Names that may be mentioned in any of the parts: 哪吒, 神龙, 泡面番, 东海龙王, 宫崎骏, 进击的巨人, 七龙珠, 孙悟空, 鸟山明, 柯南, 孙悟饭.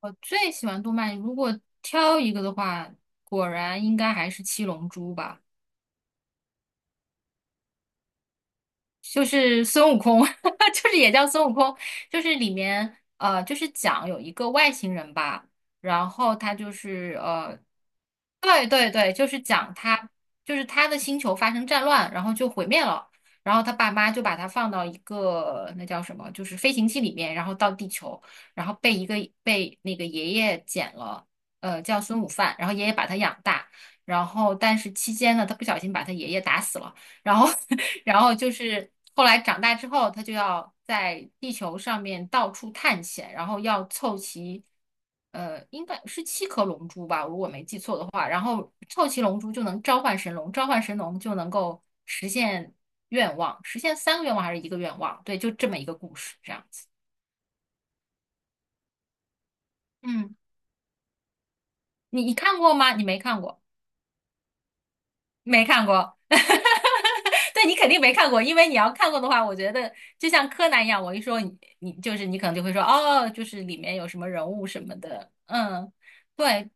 我最喜欢动漫，如果挑一个的话，果然应该还是《七龙珠》吧。就是孙悟空，就是也叫孙悟空，就是里面就是讲有一个外星人吧，然后他就是对对对，就是讲他就是他的星球发生战乱，然后就毁灭了，然后他爸妈就把他放到一个那叫什么，就是飞行器里面，然后到地球，然后被一个被那个爷爷捡了，叫孙悟饭，然后爷爷把他养大，然后但是期间呢，他不小心把他爷爷打死了。然后，然后就是后来长大之后，他就要在地球上面到处探险，然后要凑齐，应该是七颗龙珠吧，如果没记错的话。然后凑齐龙珠就能召唤神龙，召唤神龙就能够实现愿望，实现三个愿望还是一个愿望？对，就这么一个故事，这样子。嗯，你看过吗？你没看过。没看过，对你肯定没看过，因为你要看过的话，我觉得就像柯南一样，我一说你，你就是你可能就会说哦，就是里面有什么人物什么的，嗯，对，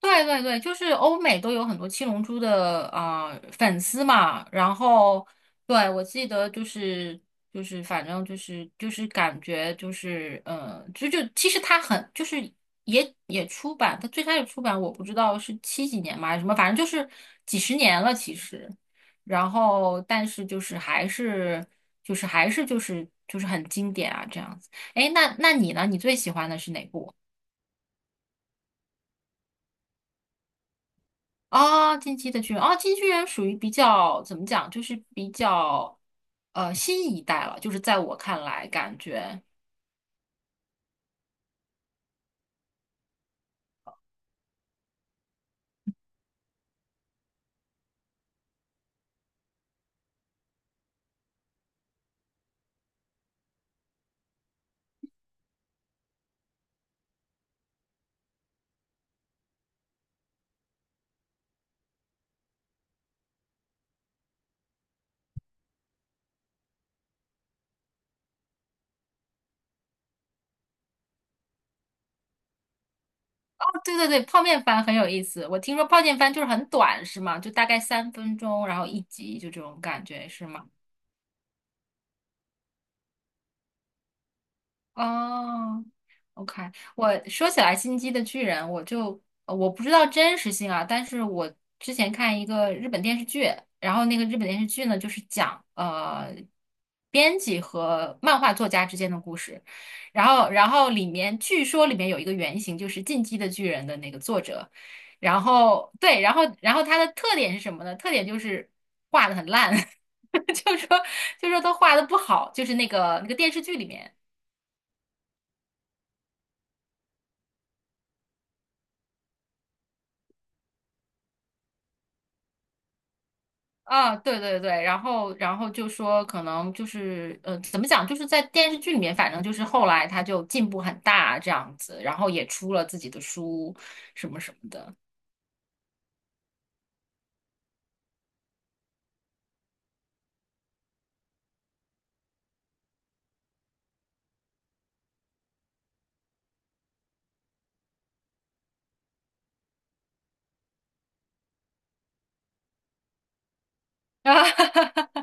对对对，就是欧美都有很多七龙珠的啊、粉丝嘛，然后对我记得就是就是反正就是就是感觉就是就其实它很就是也也出版，它最开始出版我不知道是七几年嘛还是什么，反正就是几十年了其实，然后但是就是还是就是还是就是就是很经典啊这样子。哎，那那你呢？你最喜欢的是哪部？啊，进击的巨人啊，进击巨人属于比较怎么讲，就是比较新一代了，就是在我看来，感觉哦，对对对，泡面番很有意思。我听说泡面番就是很短，是吗？就大概三分钟，然后一集，就这种感觉，是吗？哦，OK，我说起来《进击的巨人》，我就我不知道真实性啊，但是我之前看一个日本电视剧，然后那个日本电视剧呢，就是讲编辑和漫画作家之间的故事，然后然后里面据说里面有一个原型就是《进击的巨人》的那个作者，然后对，然后然后他的特点是什么呢？特点就是画的很烂，就说就说他画的不好，就是那个那个电视剧里面。啊，对对对，然后然后就说可能就是怎么讲，就是在电视剧里面，反正就是后来他就进步很大这样子，然后也出了自己的书什么什么的。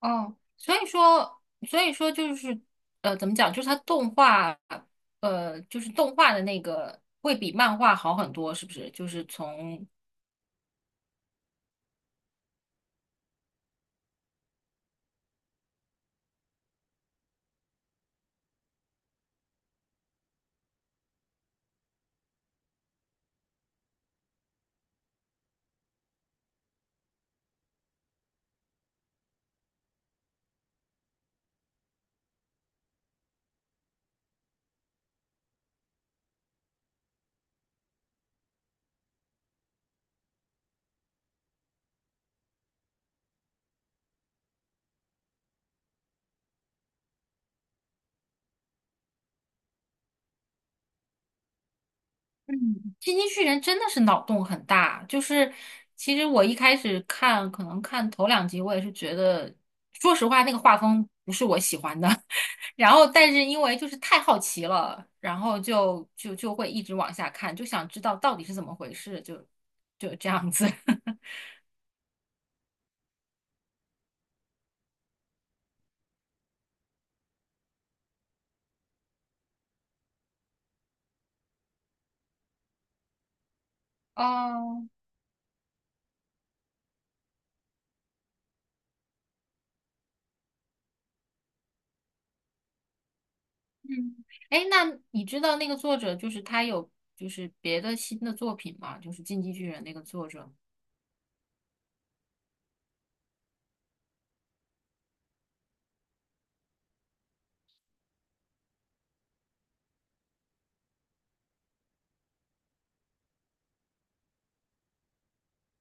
哦，所以说，所以说就是，怎么讲？就是他动画，就是动画的那个会比漫画好很多，是不是？就是从嗯，进击巨人真的是脑洞很大，就是其实我一开始看，可能看头两集，我也是觉得，说实话，那个画风不是我喜欢的。然后，但是因为就是太好奇了，然后就会一直往下看，就想知道到底是怎么回事，就就这样子。哦，嗯，哎，那你知道那个作者就是他有就是别的新的作品吗？就是《进击巨人》那个作者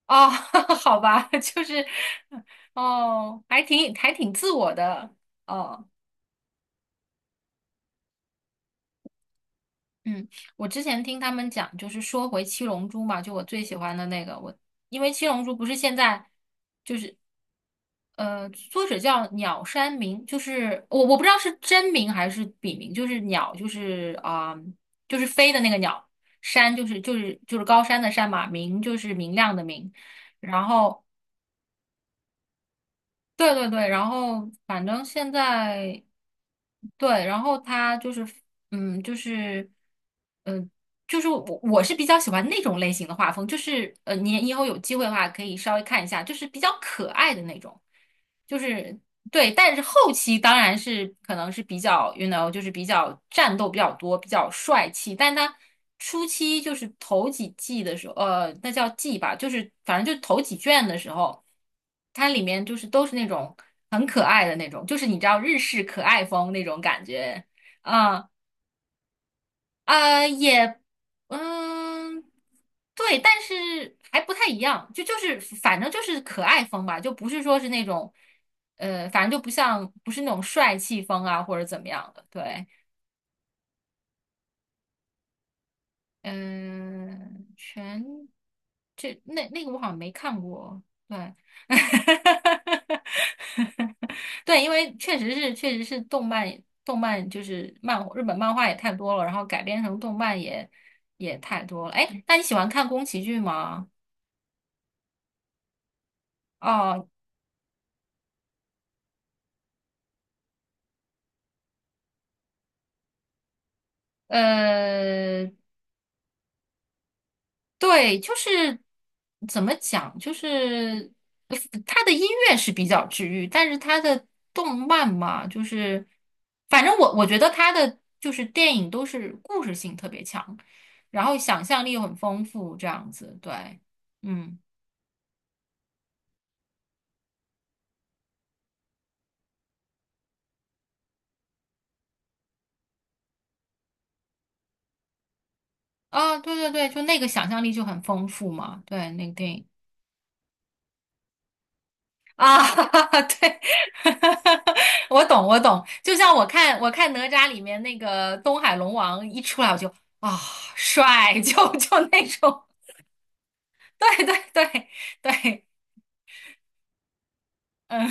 哦，好吧，就是，哦，还挺还挺自我的，哦，嗯，我之前听他们讲，就是说回《七龙珠》嘛，就我最喜欢的那个，我因为《七龙珠》不是现在，作者叫鸟山明，就是我我不知道是真名还是笔名，就是鸟，就是啊、就是飞的那个鸟，山就是就是就是高山的山嘛，明就是明亮的明，然后。对对对，然后反正现在对，然后他就是，嗯，就是，嗯。就是我我是比较喜欢那种类型的画风，就是你以后有机会的话可以稍微看一下，就是比较可爱的那种，就是对，但是后期当然是可能是比较，you know，就是比较战斗比较多，比较帅气，但他初期就是头几季的时候，那叫季吧，就是反正就头几卷的时候，它里面就是都是那种很可爱的那种，就是你知道日式可爱风那种感觉。啊也，嗯，对，但是还不太一样，就就是反正就是可爱风吧，就不是说是那种，反正就不像不是那种帅气风啊或者怎么样的，对。嗯、全这那那个我好像没看过，对，对，因为确实是确实是动漫动漫就是漫日本漫画也太多了，然后改编成动漫也也太多了。哎，那你喜欢看宫崎骏吗？哦，呃，对，就是怎么讲，就是他的音乐是比较治愈，但是他的动漫嘛，就是反正我我觉得他的就是电影都是故事性特别强，然后想象力又很丰富，这样子，对，嗯，啊，对对对，就那个想象力就很丰富嘛，对，那个电影。啊，对，我懂，我懂。就像我看我看哪吒里面那个东海龙王一出来，我就啊、帅，就就那种，对对对对，嗯，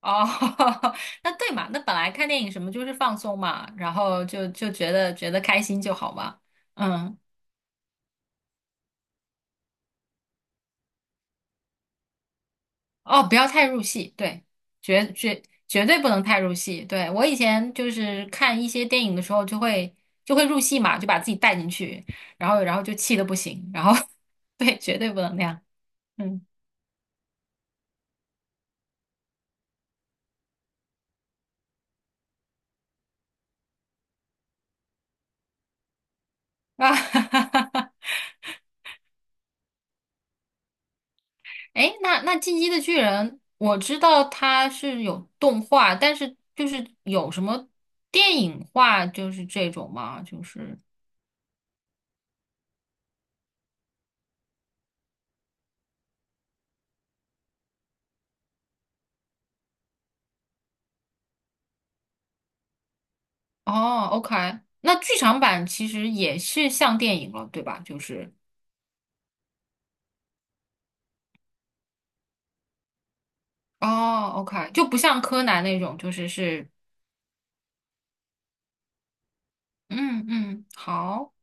哦，那对嘛，那本来看电影什么就是放松嘛，然后就觉得觉得开心就好嘛，嗯。哦，不要太入戏，对，绝绝绝对不能太入戏。对，我以前就是看一些电影的时候，就会就会入戏嘛，就把自己带进去，然后然后就气得不行，然后 对，绝对不能那样。嗯啊，哎那那《进击的巨人》，我知道它是有动画，但是就是有什么电影化，就是这种嘛，就是哦，OK，那剧场版其实也是像电影了，对吧？就是。哦，OK，就不像柯南那种，就是是，嗯嗯，好，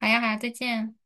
好呀好呀，再见。